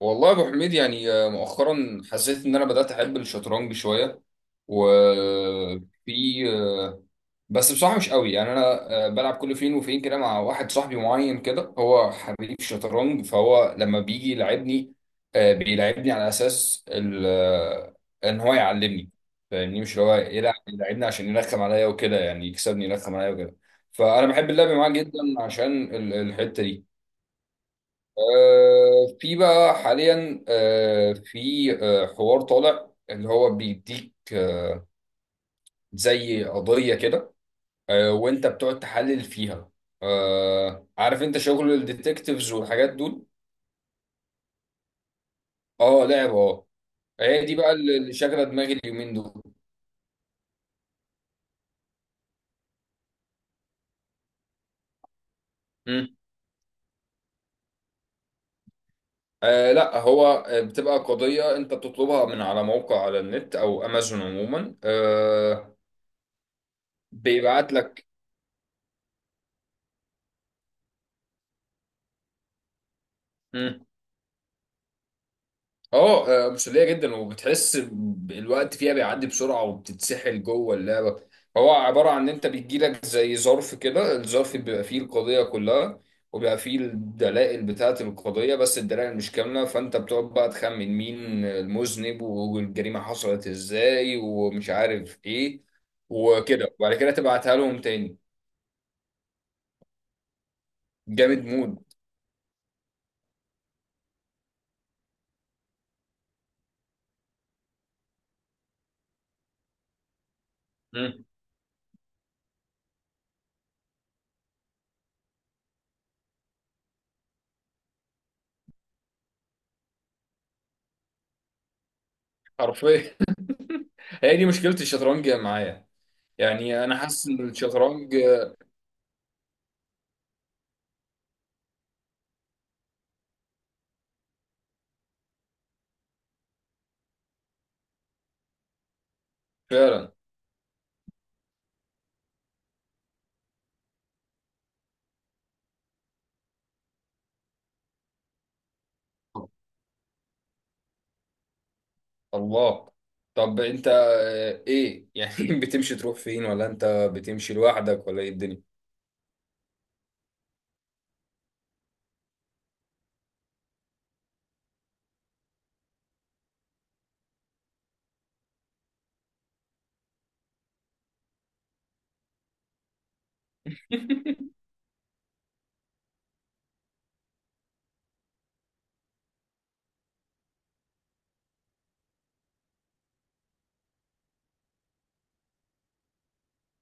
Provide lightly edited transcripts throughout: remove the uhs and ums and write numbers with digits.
والله يا ابو حميد، يعني مؤخرا حسيت ان انا بدات احب الشطرنج شويه وفي. بس بصراحه مش قوي، يعني انا بلعب كل فين وفين كده مع واحد صاحبي معين كده، هو حريف شطرنج، فهو لما بيجي يلعبني بيلعبني على اساس ان هو يعلمني، فاهمني؟ مش اللي هو يلعب يلعبني عشان يرخم عليا وكده، يعني يكسبني يرخم عليا وكده. فانا بحب اللعب معاه جدا عشان الحته دي. في بقى حاليا آه، في آه، حوار طالع اللي هو بيديك زي قضية كده، وانت بتقعد تحلل فيها. عارف انت شغل الديتكتيفز والحاجات دول. اه، لعبة، اه. هي دي بقى اللي شاغلة دماغي اليومين دول. مم. لا، هو بتبقى قضية انت بتطلبها من على موقع على النت او امازون عموما، بيبعت لك. اه، مسلية جدا، وبتحس الوقت فيها بيعدي بسرعة وبتتسحل جوه اللعبة. هو عبارة عن ان انت بيجيلك زي ظرف كده، الظرف بيبقى فيه القضية كلها، وبيبقى فيه الدلائل بتاعة القضية، بس الدلائل مش كاملة، فانت بتقعد بقى تخمن مين المذنب والجريمة حصلت ازاي ومش عارف ايه وكده، وبعد كده تبعتها لهم تاني. جامد مود. مم. حرفيا. هي دي مشكلة الشطرنج معايا. يعني انا حاسس ان الشطرنج... فعلا. الله. طب انت ايه يعني، بتمشي تروح فين ولا انت بتمشي لوحدك ولا ايه الدنيا؟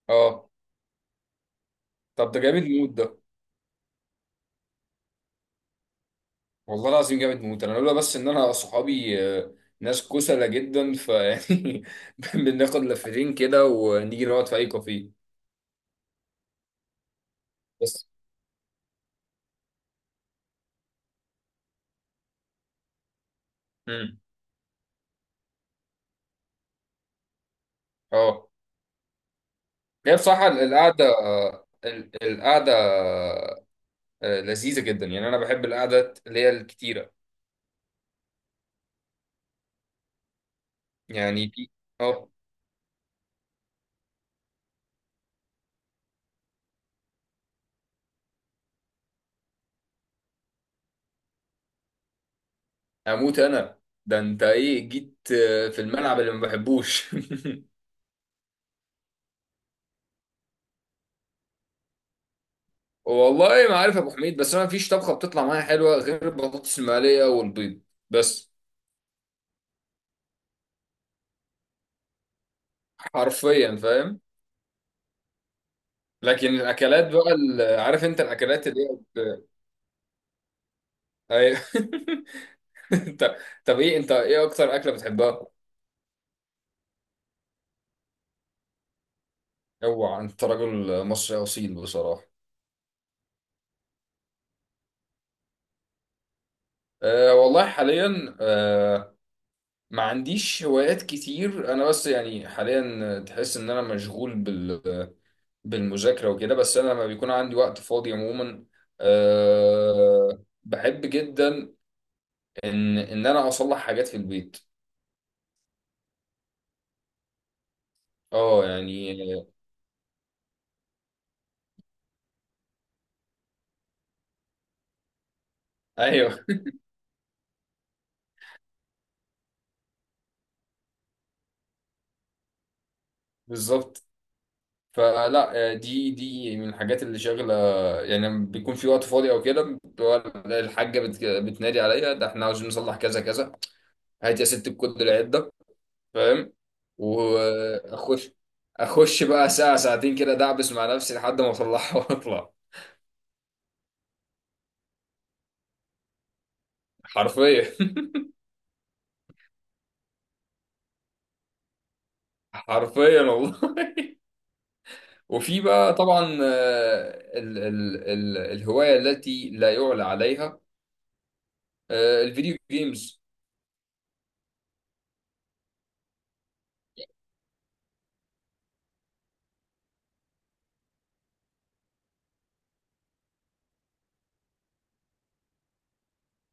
اه. طب ده جامد موت ده، والله العظيم جامد موت. انا لولا بس ان انا صحابي ناس كسلة جدا، فيعني بناخد لفتين كده ونيجي نقعد في اي كافيه. بس. امم. اه. هي بصراحة القعدة، القعدة لذيذة جدا، يعني انا بحب القعدات اللي هي الكتيرة. يعني دي. اه. اموت انا. ده انت ايه جيت في الملعب اللي ما بحبوش؟ والله ما عارف يا ابو حميد، بس انا مفيش طبخه بتطلع معايا حلوه غير البطاطس المقليه والبيض بس. حرفيا، فاهم. لكن الاكلات بقى عارف انت الاكلات اللي هي أي- انت. طب ايه انت، ايه اكتر اكله بتحبها؟ اوعى، انت راجل مصري اصيل بصراحه. أه والله حاليا ما عنديش هوايات كتير انا، بس يعني حاليا تحس ان انا مشغول بالمذاكره وكده. بس انا لما بيكون عندي وقت فاضي عموما، أه بحب جدا ان انا اصلح حاجات في البيت. اه، يعني. ايوه، بالظبط. فلا، دي من الحاجات اللي شاغله، يعني لما بيكون في وقت فاضي او كده، بتبقى الحاجه بتنادي عليا: ده احنا عاوزين نصلح كذا كذا، هات يا ست الكود العده، فاهم؟ واخش. اخش بقى ساعه ساعتين كده دعبس مع نفسي لحد ما اطلعها واطلع. حرفيا. حرفيا والله. وفي بقى طبعا آه، ال ال ال الهوايه التي لا يعلى عليها: الفيديو جيمز.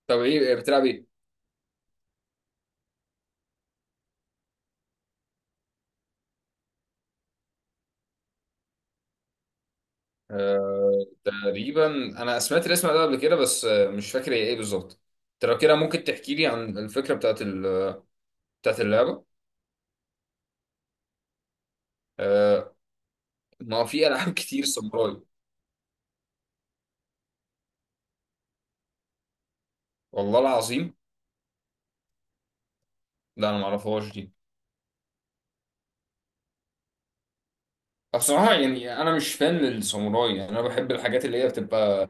طب ايه، بتلعب ايه؟ تقريبا، انا سمعت الاسم ده قبل كده، بس مش فاكر هي ايه بالظبط. انت لو كده ممكن تحكي لي عن الفكره بتاعت اللعبه. آه، ما في العاب كتير ساموراي. والله العظيم. لا انا ما اعرفهاش دي. بصراحه يعني انا مش فان للساموراي، يعني انا بحب الحاجات اللي هي بتبقى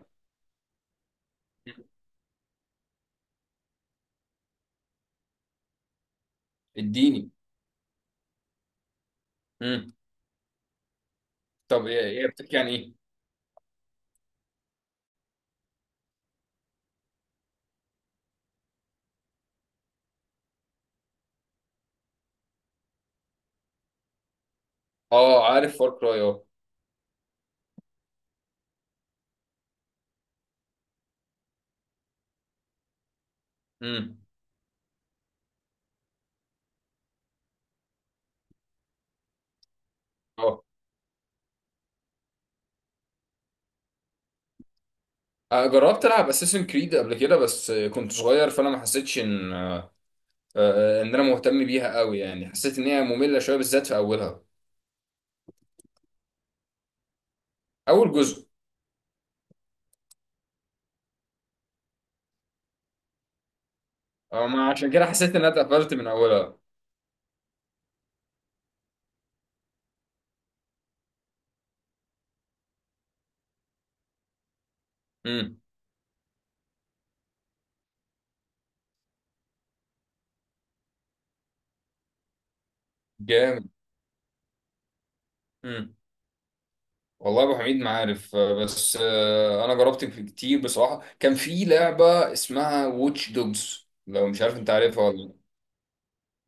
الديني. امم. طب هي بتحكي عن ايه؟ اه عارف فار كراي، اه. امم. اه. أنا جربت العب اساسن كريد قبل كده بس كنت صغير، فانا ما حسيتش ان ان انا مهتم بيها قوي. يعني حسيت ان هي ممله شويه بالذات في اولها. اول جزء. ما عشان كده حسيت ان انا اتقفلت من اولها. امم. جامد. والله يا ابو حميد ما عارف بس انا جربت في كتير بصراحه. كان في لعبه اسمها ووتش دوجز، لو مش عارف. انت عارفها ولا لأ؟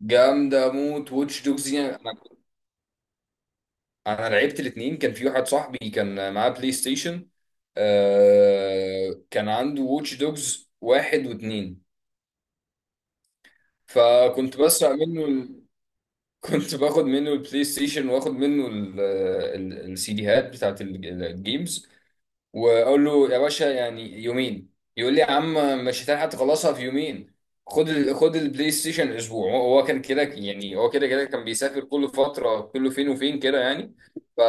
جامده موت ووتش دوجز دي. انا، انا لعبت الاثنين. كان في واحد صاحبي كان معاه بلاي ستيشن، كان عنده ووتش دوجز واحد واثنين. فكنت بسرق منه ال... كنت باخد منه البلاي ستيشن واخد منه السي ديهات بتاعت الجيمز، واقول له: يا باشا يعني يومين. يقول لي: يا عم مش هتلحق تخلصها في يومين، خد ال... خد البلاي ستيشن اسبوع. هو كان كده، يعني هو كده كده كان بيسافر كل فتره، كله فين وفين كده يعني. ف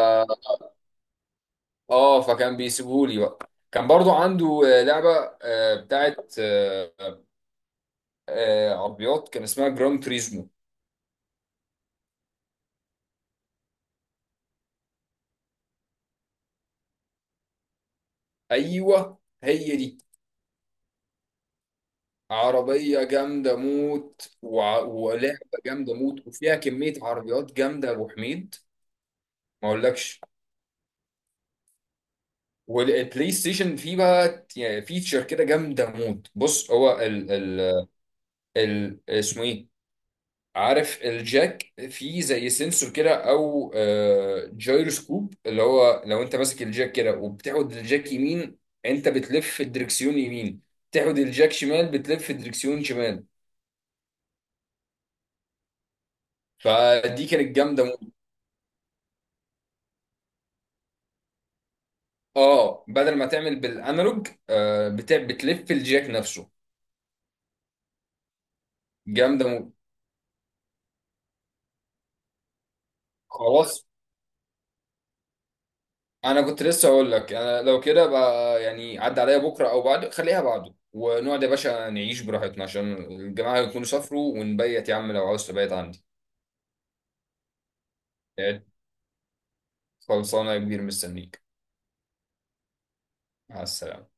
اه فكان بيسيبهولي بقى. كان برضو عنده لعبه آه، بتاعت آه، آه، عربيات كان اسمها جران تريزمو. ايوه هي دي. عربيه جامده موت، ولعبه جامده موت، وفيها كميه عربيات جامده يا ابو حميد، ما اقولكش. والبلاي ستيشن فيه بقى يعني فيتشر كده جامده موت. بص، هو ال ال ال اسمه ايه، عارف الجاك فيه زي سنسور كده او جايروسكوب، اللي هو لو انت ماسك الجاك كده وبتاخد الجاك يمين، انت بتلف الدركسيون يمين، تاخد الجاك شمال بتلف الدركسيون شمال. فدي كانت جامده موت. اه، بدل ما تعمل بالانالوج، آه، بتاع بتلف الجاك نفسه. جامده موت. خلاص، انا كنت لسه اقول لك، انا لو كده بقى، يعني عدى عليا بكره او بعد، خليها بعده ونقعد يا باشا نعيش براحتنا عشان الجماعه يكونوا سافروا، ونبيت يا عم لو عاوز تبيت عندي. خلصانه يا كبير، مستنيك. مع السلامه.